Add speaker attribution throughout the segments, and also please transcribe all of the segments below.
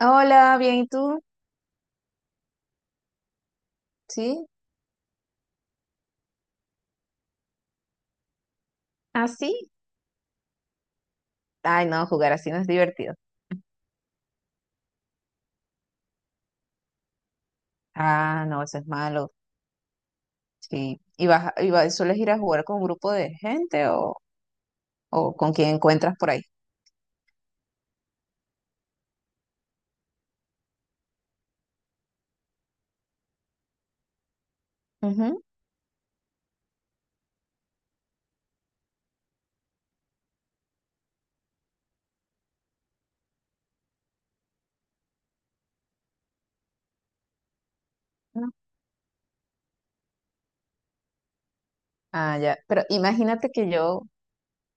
Speaker 1: Hola, bien, ¿y tú? ¿Sí? ¿Así? Ay, no, jugar así no es divertido. Ah, no, eso es malo. Sí. ¿Y vas, a- y vas- sueles ir a jugar con un grupo de gente o con quien encuentras por ahí? Ujú. No. Ah, ya. Pero imagínate que yo,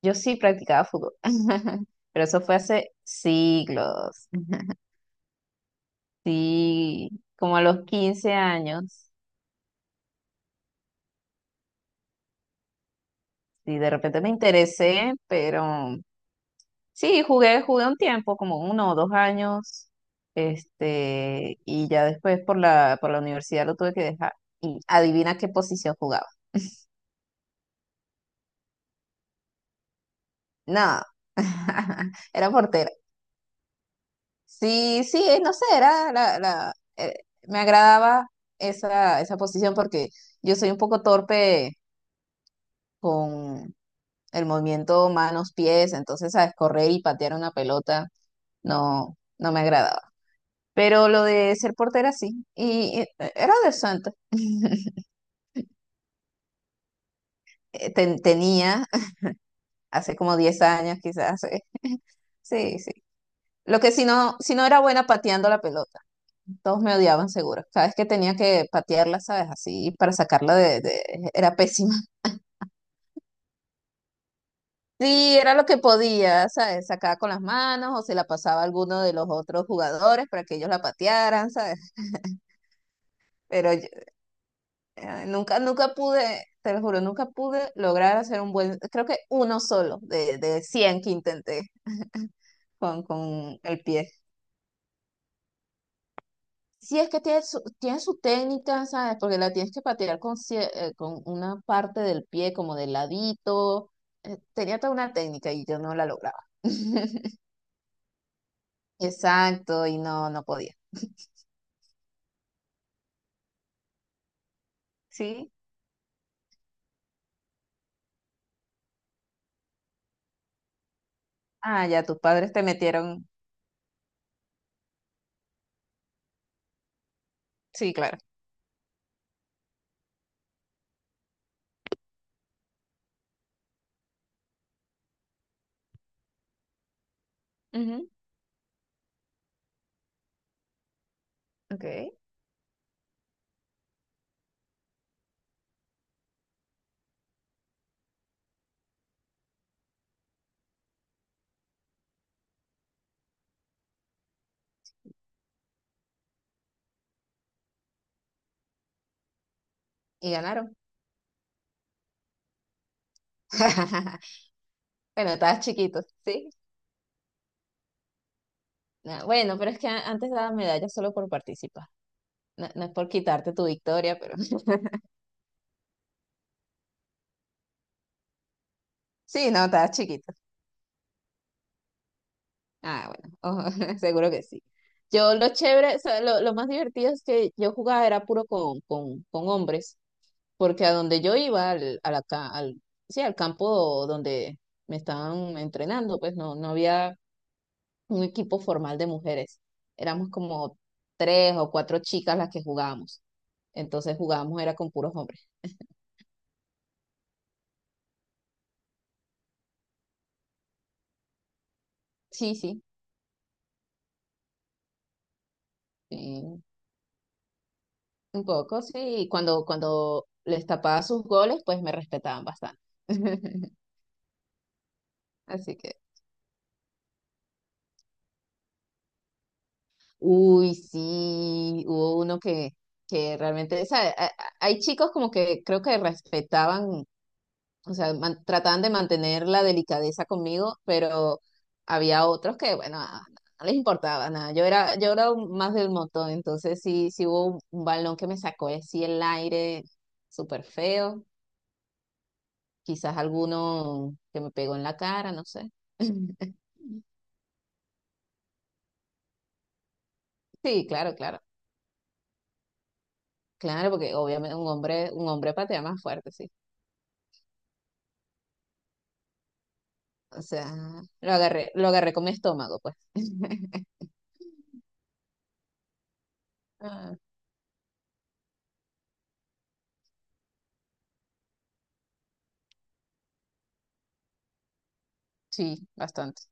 Speaker 1: yo sí practicaba fútbol. Pero eso fue hace siglos. Sí, como a los 15 años. Sí, de repente me interesé, pero Sí, jugué un tiempo, como uno o dos años, este, y ya después por la universidad lo tuve que dejar. Y adivina qué posición jugaba. No, era portera. Sí, sí, no sé, era me agradaba esa posición porque yo soy un poco torpe con el movimiento manos-pies, entonces, ¿sabes? Correr y patear una pelota no me agradaba. Pero lo de ser portera sí. Y era decente. Tenía hace como 10 años quizás. Sí, sí. Lo que si no era buena pateando la pelota. Todos me odiaban seguro. Cada vez que tenía que patearla, ¿sabes? Así para sacarla Era pésima. Sí, era lo que podía, ¿sabes? Sacaba con las manos o se la pasaba a alguno de los otros jugadores para que ellos la patearan, ¿sabes? Pero yo, Ay, nunca, nunca pude, te lo juro, nunca pude lograr hacer un buen, creo que uno solo de 100 que intenté con el pie. Sí, es que tiene su técnica, ¿sabes? Porque la tienes que patear con una parte del pie como de ladito. Tenía toda una técnica y yo no la lograba. Exacto, y no podía. ¿Sí? Ah, ya tus padres te metieron. Sí, claro. Ujú, ok. Y ganaron. Bueno, estabas chiquito, ¿sí? Nah, bueno, pero es que antes daba medalla solo por participar. No, no es por quitarte tu victoria, pero sí, no, estabas chiquito. Ah, bueno, ojo, seguro que sí. Yo lo chévere, o sea, lo más divertido es que yo jugaba era puro con, con hombres, porque a donde yo iba, al, a la ca- al, sí, al campo donde me estaban entrenando, pues no había un equipo formal de mujeres. Éramos como tres o cuatro chicas las que jugábamos. Entonces jugábamos era con puros hombres. Sí, sí. Sí. Un poco, sí. Cuando les tapaba sus goles, pues me respetaban bastante. Así que, uy, sí, hubo uno que realmente, o sea, hay chicos como que creo que respetaban, o sea, trataban de mantener la delicadeza conmigo, pero había otros que, bueno, ah, no les importaba nada. Yo era más del montón, entonces sí, sí hubo un balón que me sacó así el aire, súper feo. Quizás alguno que me pegó en la cara, no sé. Sí, claro, claro. Claro, porque obviamente un hombre patea más fuerte, sí. O sea, lo agarré con mi estómago, pues. Ah, sí, bastante.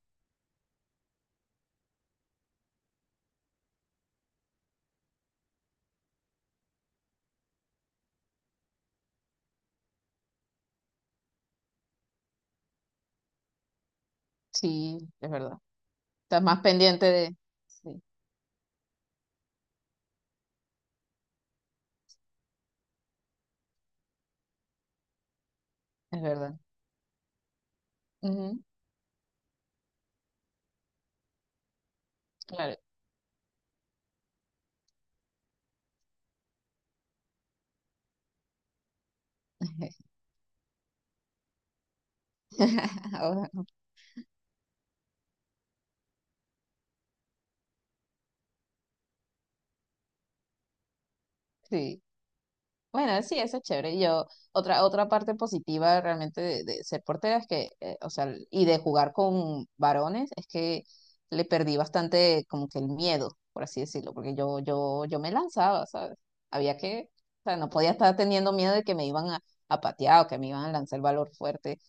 Speaker 1: Sí, es verdad. Estás más pendiente de. Sí, es verdad. Ujú, claro. Ahora, sí. Bueno, sí, eso es chévere. Yo, otra parte positiva realmente de ser portera es que, o sea, y de jugar con varones, es que le perdí bastante como que el miedo, por así decirlo, porque yo me lanzaba, ¿sabes? Había que, o sea, no podía estar teniendo miedo de que me iban a patear o que me iban a lanzar el valor fuerte.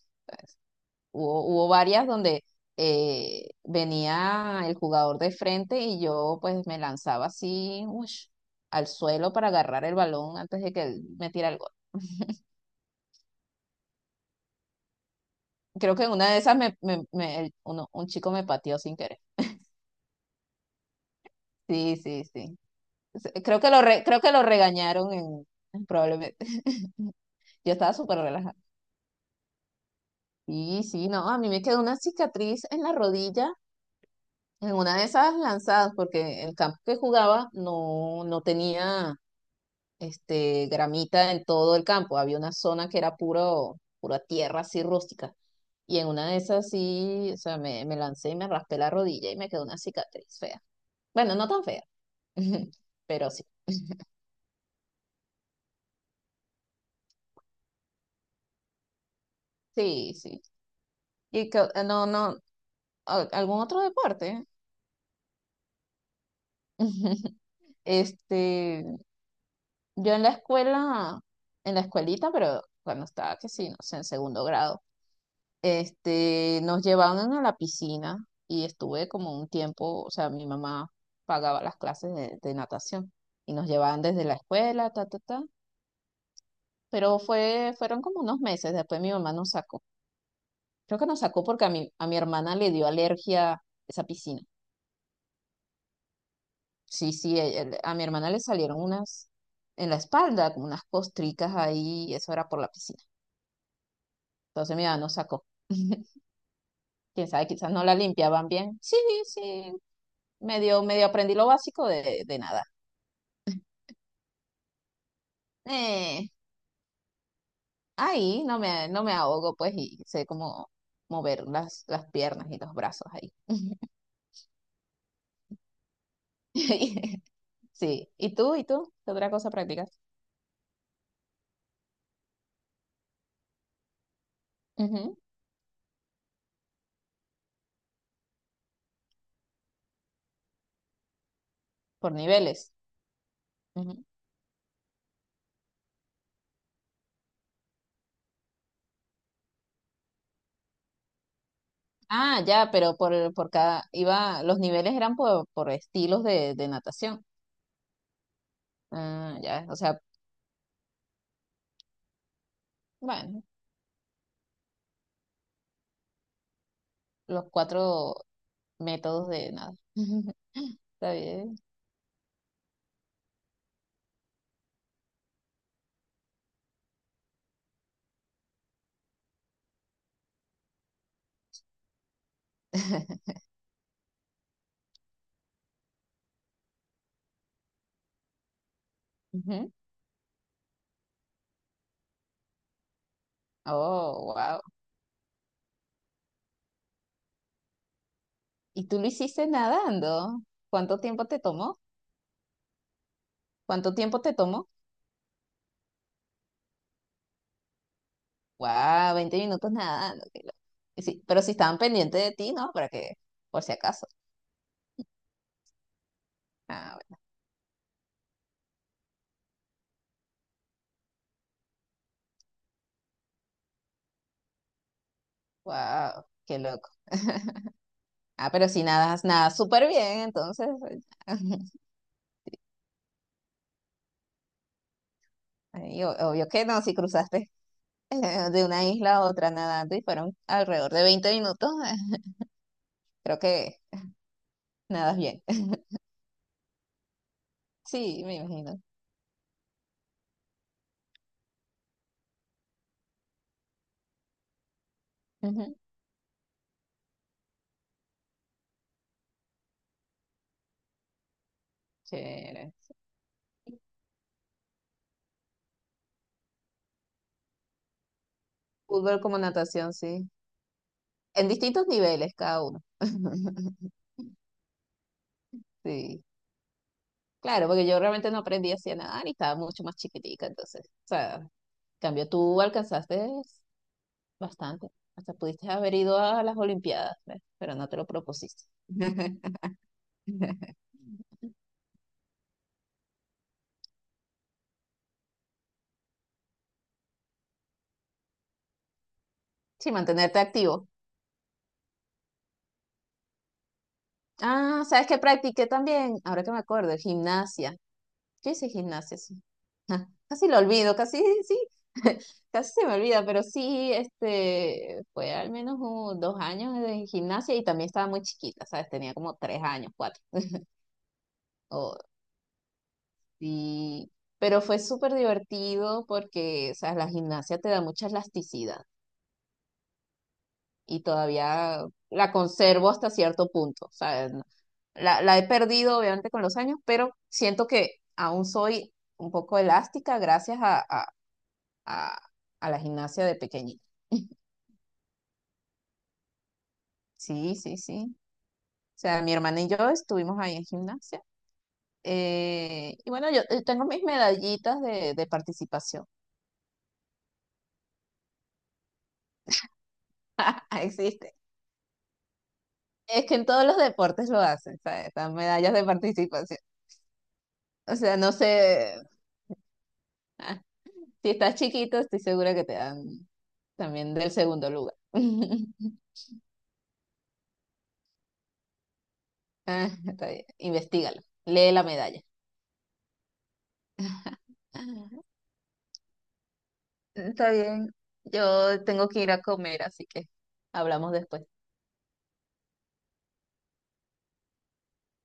Speaker 1: Hubo varias donde venía el jugador de frente y yo pues me lanzaba así, ush, al suelo para agarrar el balón antes de que él me tirara el gol. Creo que en una de esas un chico me pateó sin querer. Sí, sí, sí. Creo que lo regañaron en, probablemente. Yo estaba súper relajada. Sí, sí, no, a mí me quedó una cicatriz en la rodilla, en una de esas lanzadas, porque el campo que jugaba no tenía este, gramita en todo el campo. Había una zona que era puro, pura tierra así rústica. Y en una de esas sí, o sea, me lancé y me raspé la rodilla y me quedó una cicatriz fea. Bueno, no tan fea. Pero sí, sí, sí. Y que, no, no, algún otro deporte. Este, yo en la escuela, en la escuelita, pero cuando estaba, que sí, no sé, en segundo grado, este, nos llevaban a la piscina y estuve como un tiempo, o sea, mi mamá pagaba las clases de natación y nos llevaban desde la escuela, ta, ta, ta, pero fue, fueron como unos meses, después mi mamá nos sacó. Creo que nos sacó porque a mi hermana le dio alergia esa piscina. Sí, sí, a mi hermana le salieron unas en la espalda, como unas costricas ahí, y eso era por la piscina. Entonces mi mamá nos sacó. Quién sabe, quizás no la limpiaban bien. Sí, sí, medio aprendí lo básico de nada. Eh, Ahí no me ahogo, pues, y sé cómo mover las piernas y los brazos ahí. Sí, ¿y tú? ¿Qué otra cosa practicas? Ujú, por niveles. Ah, ya, pero por los niveles eran por estilos de natación. Ah, ya, o sea, bueno, los cuatro métodos de nada. Está bien. Ujú. Oh, wow. ¿Y tú lo hiciste nadando? ¿Cuánto tiempo te tomó? ¿Cuánto tiempo te tomó? Wow, 20 minutos nadando. Qué loco. Y sí, pero si estaban pendientes de ti, ¿no? Para que, por si acaso. Ah, bueno. Wow, qué loco. Ah, pero si nadas, nadas súper bien, entonces. Y obvio que no, si cruzaste de una isla a otra nadando y fueron alrededor de 20 minutos, creo que nadas bien. Sí, me imagino. Ujú, chévere. Fútbol como natación, sí. En distintos niveles cada uno. Sí. Claro, porque yo realmente no aprendí así a nadar y estaba mucho más chiquitica, entonces, o sea, en cambio tú alcanzaste bastante. Hasta pudiste haber ido a las Olimpiadas, ¿ves? Pero no te lo propusiste. Sí, mantenerte activo. Ah, sabes que practiqué también, ahora que me acuerdo, gimnasia. Yo hice gimnasia, sí. Ah, casi lo olvido, casi sí, casi se me olvida, pero sí, este, fue al menos 2 años de gimnasia y también estaba muy chiquita, ¿sabes? Tenía como 3 años, 4. o- sí, pero fue súper divertido porque, o sea, la gimnasia te da mucha elasticidad. Y todavía la conservo hasta cierto punto. O sea, la he perdido obviamente con los años, pero siento que aún soy un poco elástica gracias a- a la gimnasia de pequeñita. Sí, sí, sí. O sea, mi hermana y yo estuvimos ahí en gimnasia. Y bueno, yo tengo mis medallitas de participación. Existe. Es que en todos los deportes lo hacen, ¿sabes? Las medallas de participación. O sea, no sé. Si estás chiquito, estoy segura que te dan también del segundo lugar. Ah, está bien. Investígalo. Lee la medalla. Está bien. Yo tengo que ir a comer, así que hablamos después.